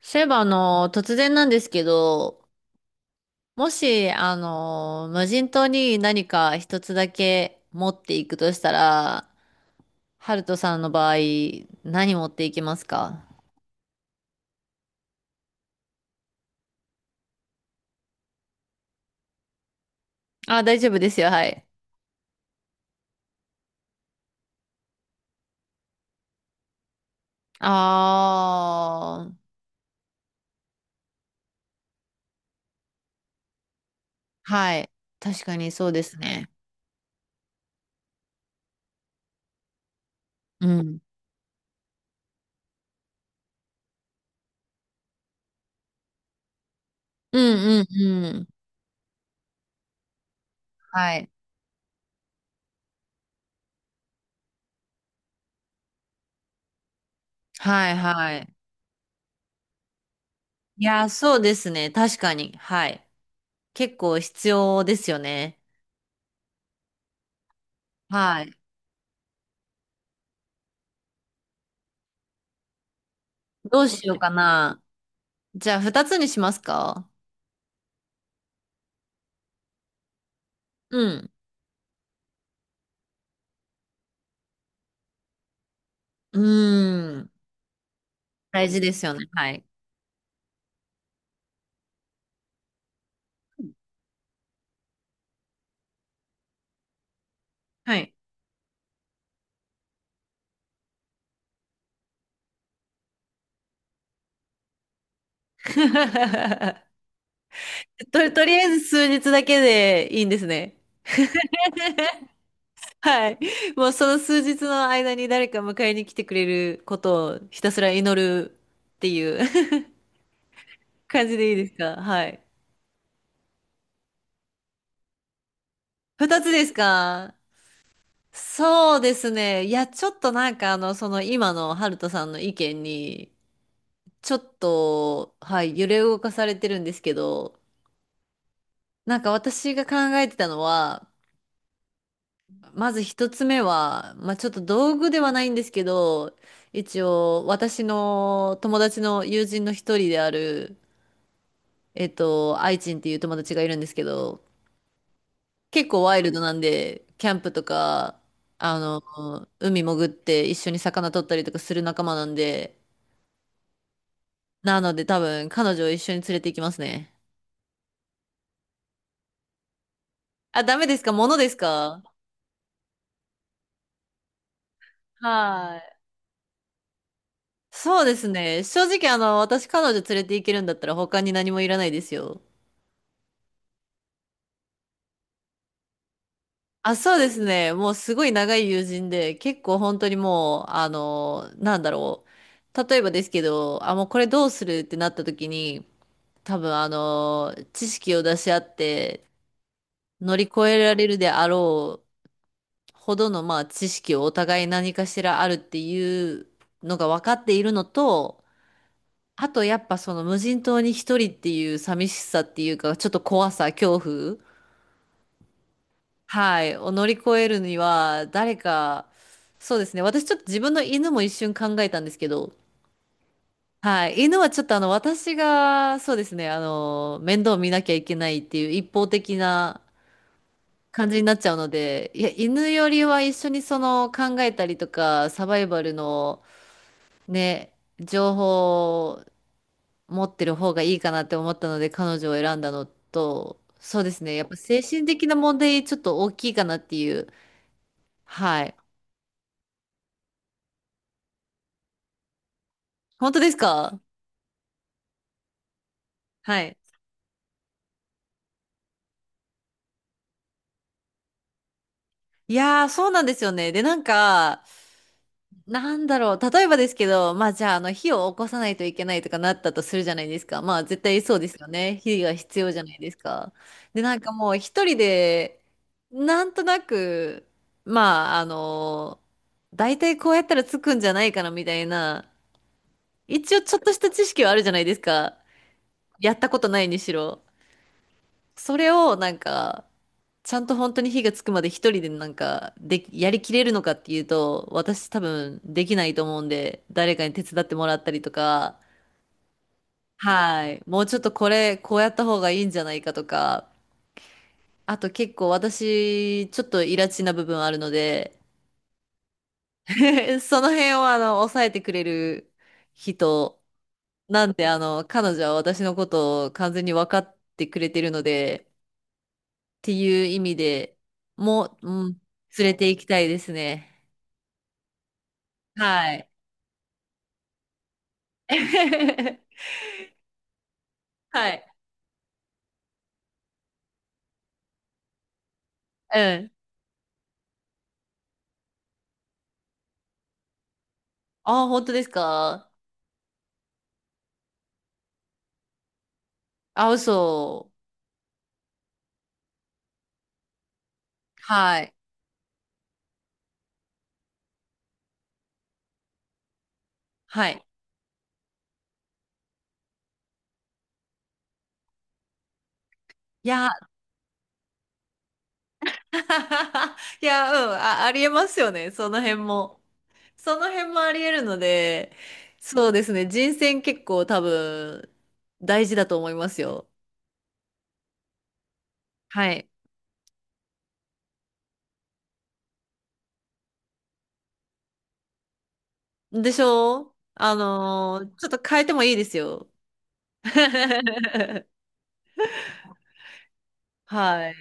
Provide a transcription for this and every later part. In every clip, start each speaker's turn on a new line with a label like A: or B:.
A: そういえば、突然なんですけど、もし、無人島に何か一つだけ持っていくとしたら、ハルトさんの場合、何持っていきますか？あ、大丈夫ですよ、はい。あー、はい。確かにそうですね。うん。うんうんうん。はい。はいはい。いや、そうですね。確かに。はい。結構必要ですよね。はい。どうしようかな。じゃあ、二つにしますか？うん。うーん。大事ですよね。はい。はい。とりあえず数日だけでいいんですね。はい。もうその数日の間に誰か迎えに来てくれることをひたすら祈るっていう 感じでいいですか？はい。二つですか？そうですね。いや、ちょっとなんかその今のハルトさんの意見に、ちょっと、はい、揺れ動かされてるんですけど、なんか私が考えてたのは、まず一つ目は、まあちょっと道具ではないんですけど、一応私の友達の友人の一人である、愛人っていう友達がいるんですけど、結構ワイルドなんで、キャンプとか、あの、海潜って一緒に魚取ったりとかする仲間なんで、なので多分彼女を一緒に連れて行きますね。あ、ダメですか？物ですか？はーい。そうですね。正直、私彼女連れて行けるんだったら他に何もいらないですよ。あ、そうですね。もうすごい長い友人で、結構本当にもう、なんだろう。例えばですけど、あ、もうこれどうするってなった時に、多分知識を出し合って乗り越えられるであろうほどの、まあ、知識をお互い何かしらあるっていうのが分かっているのと、あとやっぱその無人島に一人っていう寂しさっていうか、ちょっと怖さ、恐怖、はい、を乗り越えるには、誰か、そうですね、私ちょっと自分の犬も一瞬考えたんですけど、はい、犬はちょっと私が、そうですね、面倒見なきゃいけないっていう一方的な感じになっちゃうので、いや、犬よりは一緒にその考えたりとか、サバイバルのね、情報持ってる方がいいかなって思ったので彼女を選んだのと、そうですね。やっぱ精神的な問題ちょっと大きいかなっていう。はい。本当ですか？はい。いやー、そうなんですよね。で、なんか、なんだろう。例えばですけど、まあじゃあ、火を起こさないといけないとかなったとするじゃないですか。まあ絶対そうですよね。火が必要じゃないですか。で、なんかもう一人で、なんとなく、まあ、大体こうやったらつくんじゃないかなみたいな、一応ちょっとした知識はあるじゃないですか。やったことないにしろ。それをなんか、ちゃんと本当に火がつくまで一人でなんか、で、やりきれるのかっていうと、私多分できないと思うんで、誰かに手伝ってもらったりとか、はい。もうちょっとこれ、こうやった方がいいんじゃないかとか、あと結構私、ちょっとイラチな部分あるので、その辺を抑えてくれる人なんで、彼女は私のことを完全に分かってくれてるので、っていう意味でも、うん、連れて行きたいですね。はい。はい。うん。あ、本当ですか？あ、嘘。はい。はい。いや、いや、うん、あ、ありえますよね。その辺も。その辺もありえるので、そうですね。人選結構多分大事だと思いますよ。はい。でしょ？ちょっと変えてもいいですよ。はい。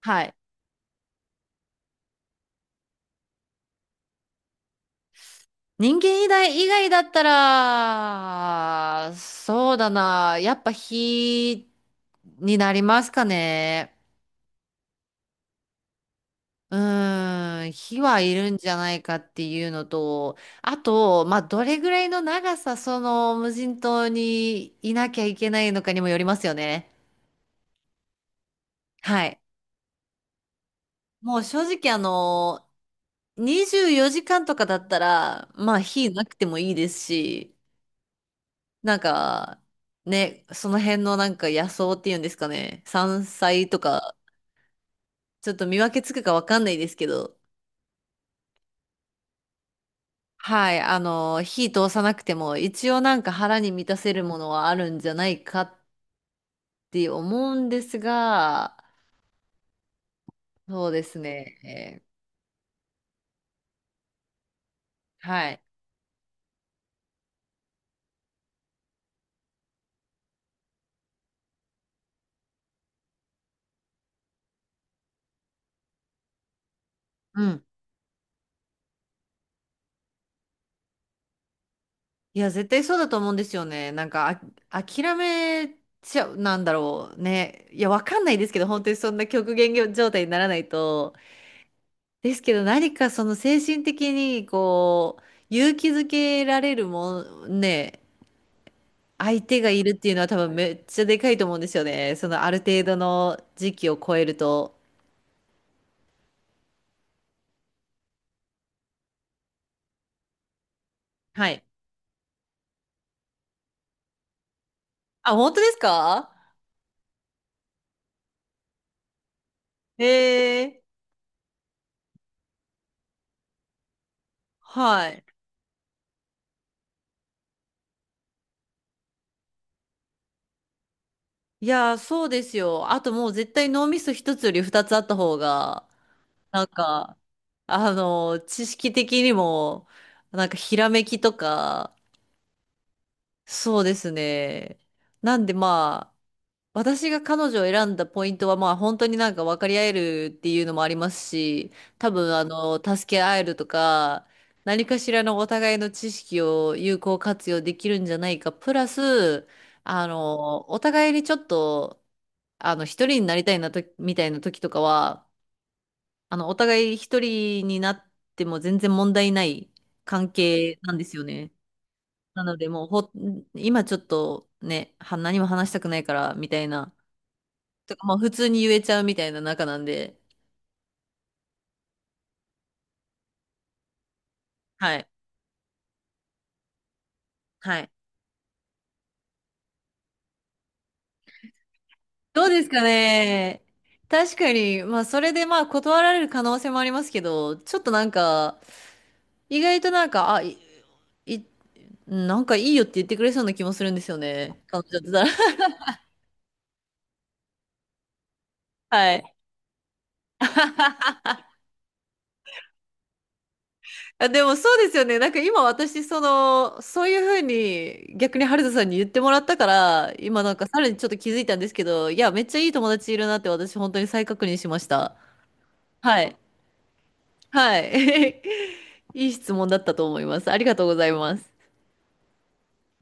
A: はい。人間以外だったら、そうだな。やっぱ火になりますかね。うーん。火はいるんじゃないかっていうのと、あと、まあ、どれぐらいの長さ、その無人島にいなきゃいけないのかにもよりますよね。はい。もう正直24時間とかだったら、まあ火なくてもいいですし、なんか、ね、その辺のなんか野草っていうんですかね、山菜とか、ちょっと見分けつくかわかんないですけど、はい、火通さなくても、一応なんか腹に満たせるものはあるんじゃないかって思うんですが、そうですね、はい。うん。いや、絶対そうだと思うんですよね。なんか、あ、諦めちゃう、なんだろうね。いや、わかんないですけど、本当にそんな極限状態にならないと。ですけど、何かその精神的に、こう、勇気づけられるもん、ね、相手がいるっていうのは多分めっちゃでかいと思うんですよね。そのある程度の時期を超えると。はい。あ、本当ですか？へえ。はい。いや、そうですよ。あともう絶対脳みそ一つより二つあった方が。なんか、知識的にも、なんかひらめきとか、そうですね。なんでまあ、私が彼女を選んだポイントはまあ本当になんか分かり合えるっていうのもありますし、多分助け合えるとか、何かしらのお互いの知識を有効活用できるんじゃないか。プラス、お互いにちょっと、一人になりたいなと、みたいな時とかは、お互い一人になっても全然問題ない関係なんですよね。なので、もうほ、今ちょっとね、何も話したくないから、みたいな。とか、もう普通に言えちゃうみたいな仲なんで。はい。はい。どうですかね。確かに、まあ、それでまあ、断られる可能性もありますけど、ちょっとなんか、意外となんか、あ、い、なんかいいよって言ってくれそうな気もするんですよね。彼女だったら。はい。あ、でもそうですよね。なんか今私、その、そういうふうに逆に春田さんに言ってもらったから、今なんかさらにちょっと気づいたんですけど、いや、めっちゃいい友達いるなって私本当に再確認しました。はい。はい。いい質問だったと思います。ありがとうございます。